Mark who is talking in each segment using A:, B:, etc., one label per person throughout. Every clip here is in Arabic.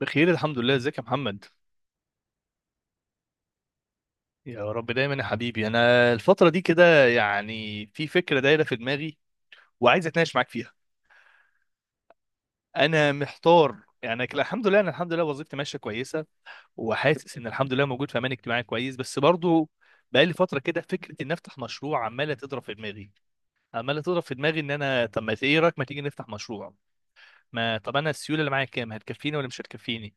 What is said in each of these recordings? A: بخير الحمد لله، ازيك يا محمد؟ يا رب دايما يا حبيبي. انا الفتره دي كده يعني في فكره دايره في دماغي وعايز اتناقش معاك فيها. انا محتار. يعني الحمد لله، انا الحمد لله وظيفتي ماشيه كويسه وحاسس ان الحمد لله موجود في امان اجتماعي كويس، بس برضو بقى لي فتره كده فكره ان افتح مشروع عماله تضرب في دماغي، عماله تضرب في دماغي ان انا طب ما ايه رايك ما تيجي نفتح مشروع. ما طب انا السيوله اللي معايا كام؟ هتكفيني ولا مش هتكفيني؟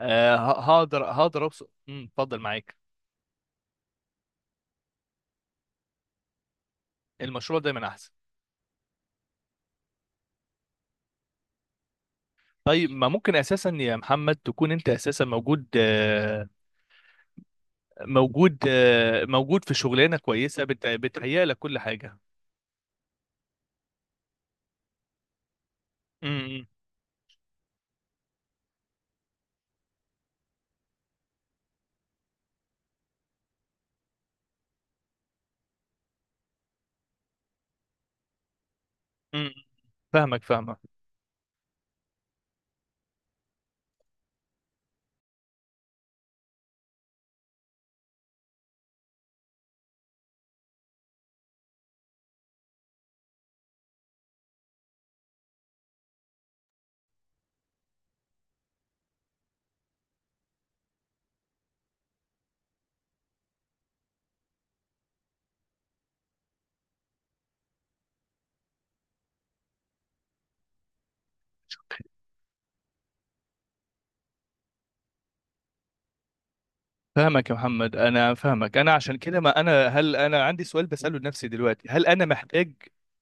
A: آه، هقدر، هقدر اوصل. اتفضل معاك. المشروع دايما احسن. طيب ما ممكن اساسا يا محمد تكون انت اساسا موجود، موجود، موجود في شغلانه كويسه بتهيأ لك كل حاجه. امم. أمم. فاهمك، فاهمك فاهمك يا محمد، انا فاهمك. انا عشان كده ما انا هل انا عندي سؤال بساله لنفسي دلوقتي، هل انا محتاج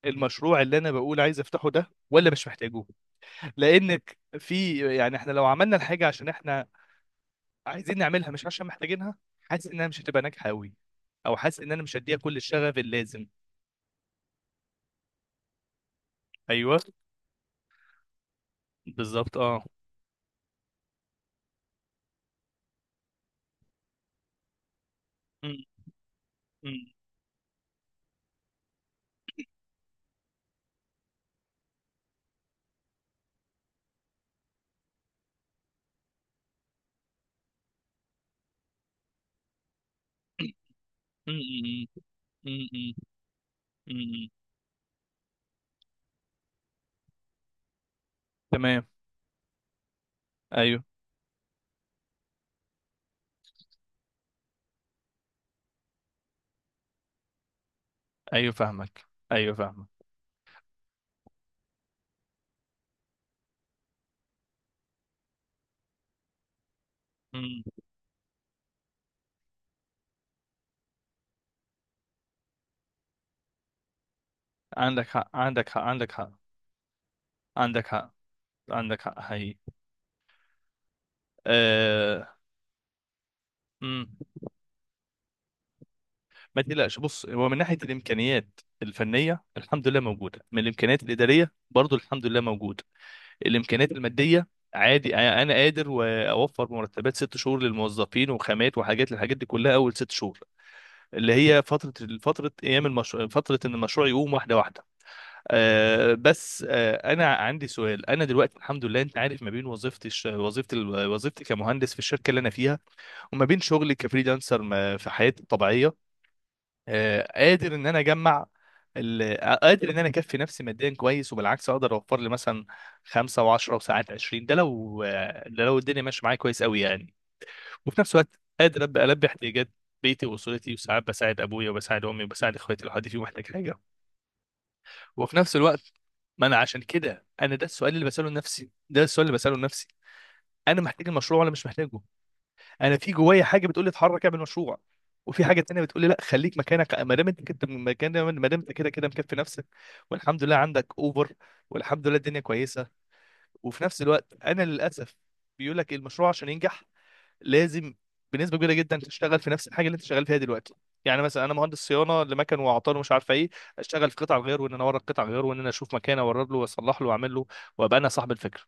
A: المشروع اللي انا بقول عايز افتحه ده ولا مش محتاجه؟ لانك في يعني احنا لو عملنا الحاجه عشان احنا عايزين نعملها مش عشان محتاجينها، حاسس انها مش هتبقى ناجحه قوي، او حاسس ان انا مش هديها كل الشغف اللازم. ايوه، بالظبط اه. م- م- م- م- م- م- م- م. تمام. ايوه. ايوه فاهمك. ايوه فاهمك. م. عندك حق، عندك حق، عندك حق. عندك حق. عندك حق حقيقي. آه... م. ما تقلقش، بص هو من ناحيه الامكانيات الفنيه الحمد لله موجوده، من الامكانيات الاداريه برضو الحمد لله موجوده. الامكانيات الماديه عادي، انا قادر واوفر مرتبات ست شهور للموظفين وخامات وحاجات للحاجات دي كلها اول ست شهور، اللي هي فترة، فترة أيام المشروع، فترة إن المشروع يقوم واحدة واحدة. آه بس آه، أنا عندي سؤال. أنا دلوقتي الحمد لله أنت عارف ما بين وظيفتي وظيفتي كمهندس في الشركة اللي أنا فيها، وما بين شغلي كفريلانسر في حياتي الطبيعية، آه قادر إن أنا أجمع. قادر ان انا اكفي نفسي ماديا كويس، وبالعكس اقدر اوفر لي مثلا خمسة وعشرة وساعات عشرين، ده لو ده لو الدنيا ماشيه معايا كويس قوي يعني. وفي نفس الوقت قادر ابدا البي احتياجات بيتي واسرتي، وساعات بساعد ابويا وبساعد امي وبساعد اخواتي لو حد فيهم محتاج حاجه. وفي نفس الوقت ما انا عشان كده انا ده السؤال اللي بساله لنفسي، ده السؤال اللي بساله لنفسي، انا محتاج المشروع ولا مش محتاجه؟ انا في جوايا حاجه بتقول لي اتحرك اعمل مشروع، وفي حاجه تانية بتقول لي لا، خليك مكانك ما دام انت كده مكان، ما دام انت كده كده مكفي نفسك، والحمد لله عندك اوفر، والحمد لله الدنيا كويسه. وفي نفس الوقت انا للاسف بيقول لك المشروع عشان ينجح لازم بنسبه كبيره جدا تشتغل في نفس الحاجه اللي انت شغال فيها دلوقتي. يعني مثلا انا مهندس صيانه لمكن واعطال ومش عارفه ايه، اشتغل في قطع غيار وان انا اورد قطع غيار وان انا اشوف مكان اورد له واصلح له واعمل له وابقى انا صاحب الفكره.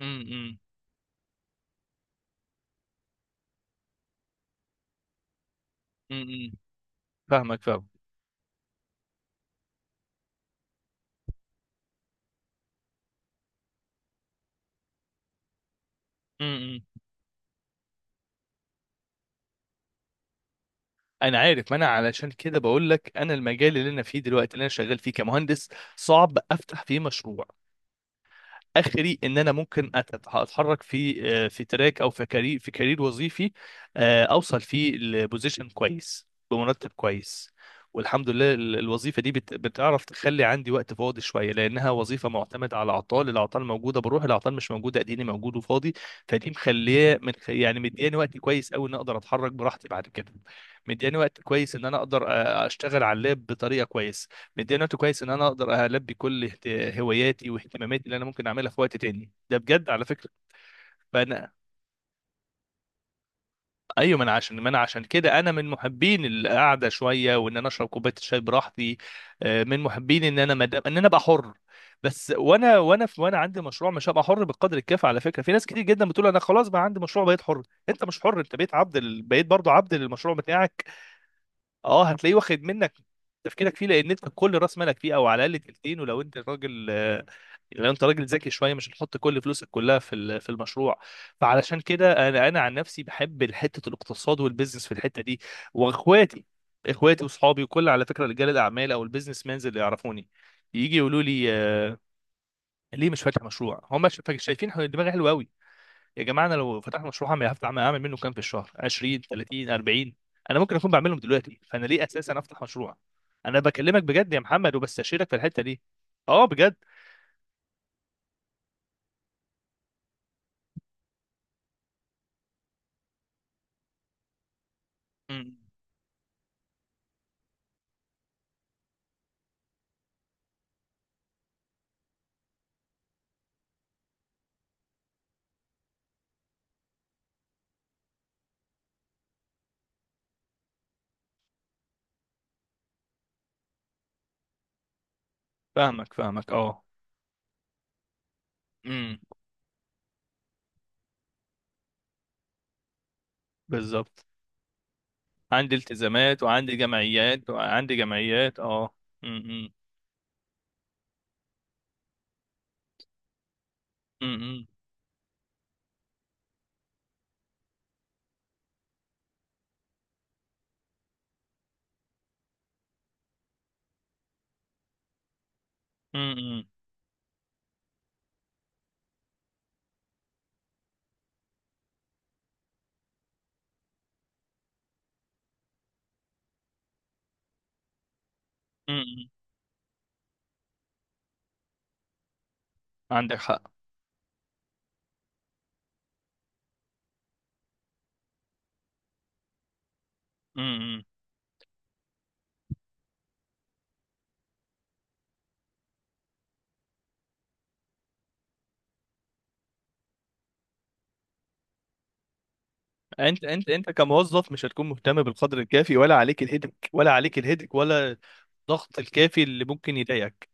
A: امم. امم. فاهمك، فاهم. امم. انا عارف، ما انا علشان كده بقول لك انا المجال اللي انا فيه دلوقتي اللي انا شغال فيه كمهندس صعب افتح فيه مشروع. اخري ان انا ممكن اتحرك في في تراك او في كارير، في كارير وظيفي، اوصل فيه لبوزيشن كويس بمرتب كويس. والحمد لله الوظيفه دي بتعرف تخلي عندي وقت فاضي شويه، لانها وظيفه معتمده على اعطال، الاعطال موجوده بروح، الاعطال مش موجوده اديني موجود وفاضي. فدي مخليه من يعني مدياني وقت كويس قوي ان اقدر اتحرك براحتي بعد كده، مدياني وقت كويس ان انا اقدر اشتغل على اللاب بطريقه كويسه، مديني وقت كويس ان انا اقدر البي كل هواياتي واهتماماتي اللي انا ممكن اعملها في وقت تاني، ده بجد على فكره. فانا ايوه، ما انا عشان ما انا عشان كده انا من محبين القعده شويه وان انا اشرب كوبايه الشاي براحتي، من محبين ان انا مدام ان انا ابقى حر. بس وانا عندي مشروع مش هبقى حر بالقدر الكافي. على فكره في ناس كتير جدا بتقول انا خلاص بقى عندي مشروع بقيت حر. انت مش حر، انت بقيت عبد بقيت برضه عبد للمشروع بتاعك. اه هتلاقيه واخد منك تفكيرك فيه، لان انت كل راس مالك فيه او على الاقل تلتين. ولو انت راجل لو انت راجل ذكي شويه مش هتحط كل فلوسك كلها في في المشروع. فعلشان كده انا عن نفسي بحب حته الاقتصاد والبيزنس في الحته دي. واخواتي، اخواتي واصحابي وكل على فكره رجال الاعمال او البيزنس مانز اللي يعرفوني يجي يقولوا لي ليه مش فاتح مشروع؟ هم شايفين دماغي حلوه قوي. يا جماعه انا لو فتحت مشروع هعمل هفتح اعمل منه كام في الشهر؟ 20 30 40 انا ممكن اكون بعملهم دلوقتي، فانا ليه اساسا افتح مشروع؟ انا بكلمك بجد يا محمد وبستشيرك في الحته دي. اه بجد. أمم. فاهمك، فاهمك اه. امم. بالظبط. عندي التزامات وعندي جمعيات وعندي جمعيات اه. امم. امم. امم. امم. عندك حق. امم. انت انت كموظف مش هتكون مهتم بالقدر الكافي، ولا عليك الهدك، ولا عليك الهدك، ولا الضغط الكافي اللي ممكن يضايقك.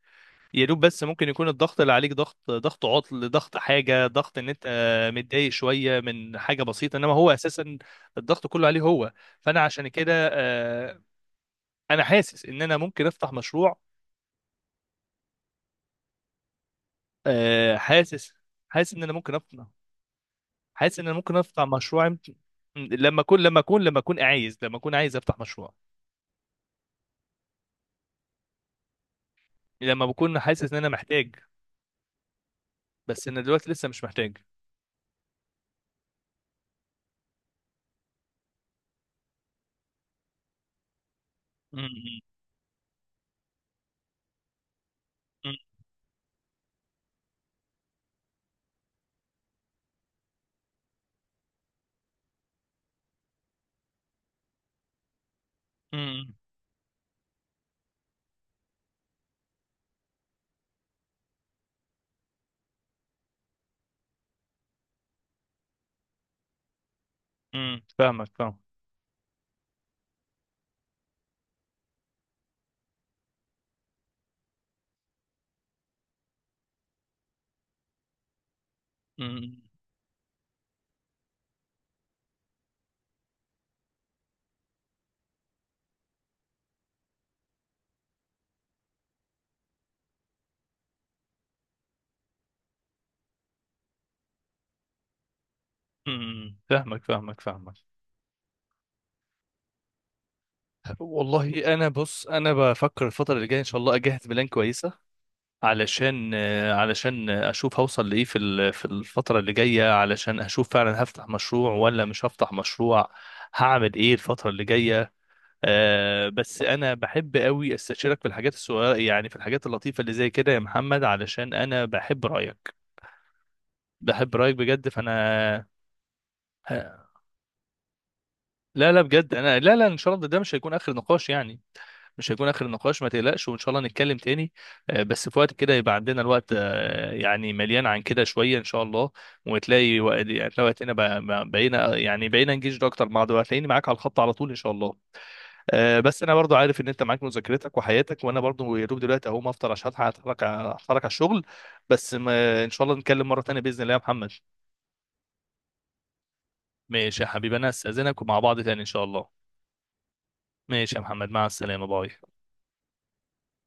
A: يا دوب بس ممكن يكون الضغط اللي عليك ضغط، ضغط عطل، ضغط حاجة، ضغط ان انت متضايق شوية من حاجة بسيطة، انما هو اساسا الضغط كله عليه هو. فانا عشان كده انا حاسس ان انا ممكن افتح مشروع. حاسس، حاسس ان انا ممكن افتح حاسس ان انا ممكن افتح مشروع لما اكون عايز، لما اكون عايز افتح مشروع، لما بكون حاسس ان انا محتاج. بس انا دلوقتي لسه مش محتاج. م- م- م- م- فاهمك، فاهم. امم. فاهمك، فاهمك فاهمك. والله انا بص، انا بفكر الفتره اللي جايه ان شاء الله اجهز بلان كويسه علشان علشان اشوف هوصل لايه في في الفتره اللي جايه، علشان اشوف فعلا هفتح مشروع ولا مش هفتح مشروع، هعمل ايه الفتره اللي جايه. أه بس انا بحب قوي استشيرك في الحاجات الصغيره، يعني في الحاجات اللطيفه اللي زي كده يا محمد، علشان انا بحب رايك، بحب رايك بجد. فانا لا لا بجد، انا لا لا، ان شاء الله ده مش هيكون اخر نقاش يعني، مش هيكون اخر نقاش، ما تقلقش، وان شاء الله نتكلم تاني. بس في وقت كده يبقى عندنا الوقت، يعني مليان عن كده شويه ان شاء الله، وتلاقي وقت، يعني تلاقي وقتنا بقينا يعني بقينا نجيش اكتر مع بعض، وهتلاقيني معاك على الخط على طول ان شاء الله. بس انا برضو عارف ان انت معاك مذاكرتك وحياتك، وانا برضو يا دوب دلوقتي اهو ما افطر عشان هتحرك، هتحرك على الشغل. بس ما ان شاء الله نتكلم مره تانيه باذن الله يا محمد. ماشي يا حبيبي، انا استاذنك ومع بعض تاني ان شاء الله. ماشي يا محمد، مع السلامة، باي.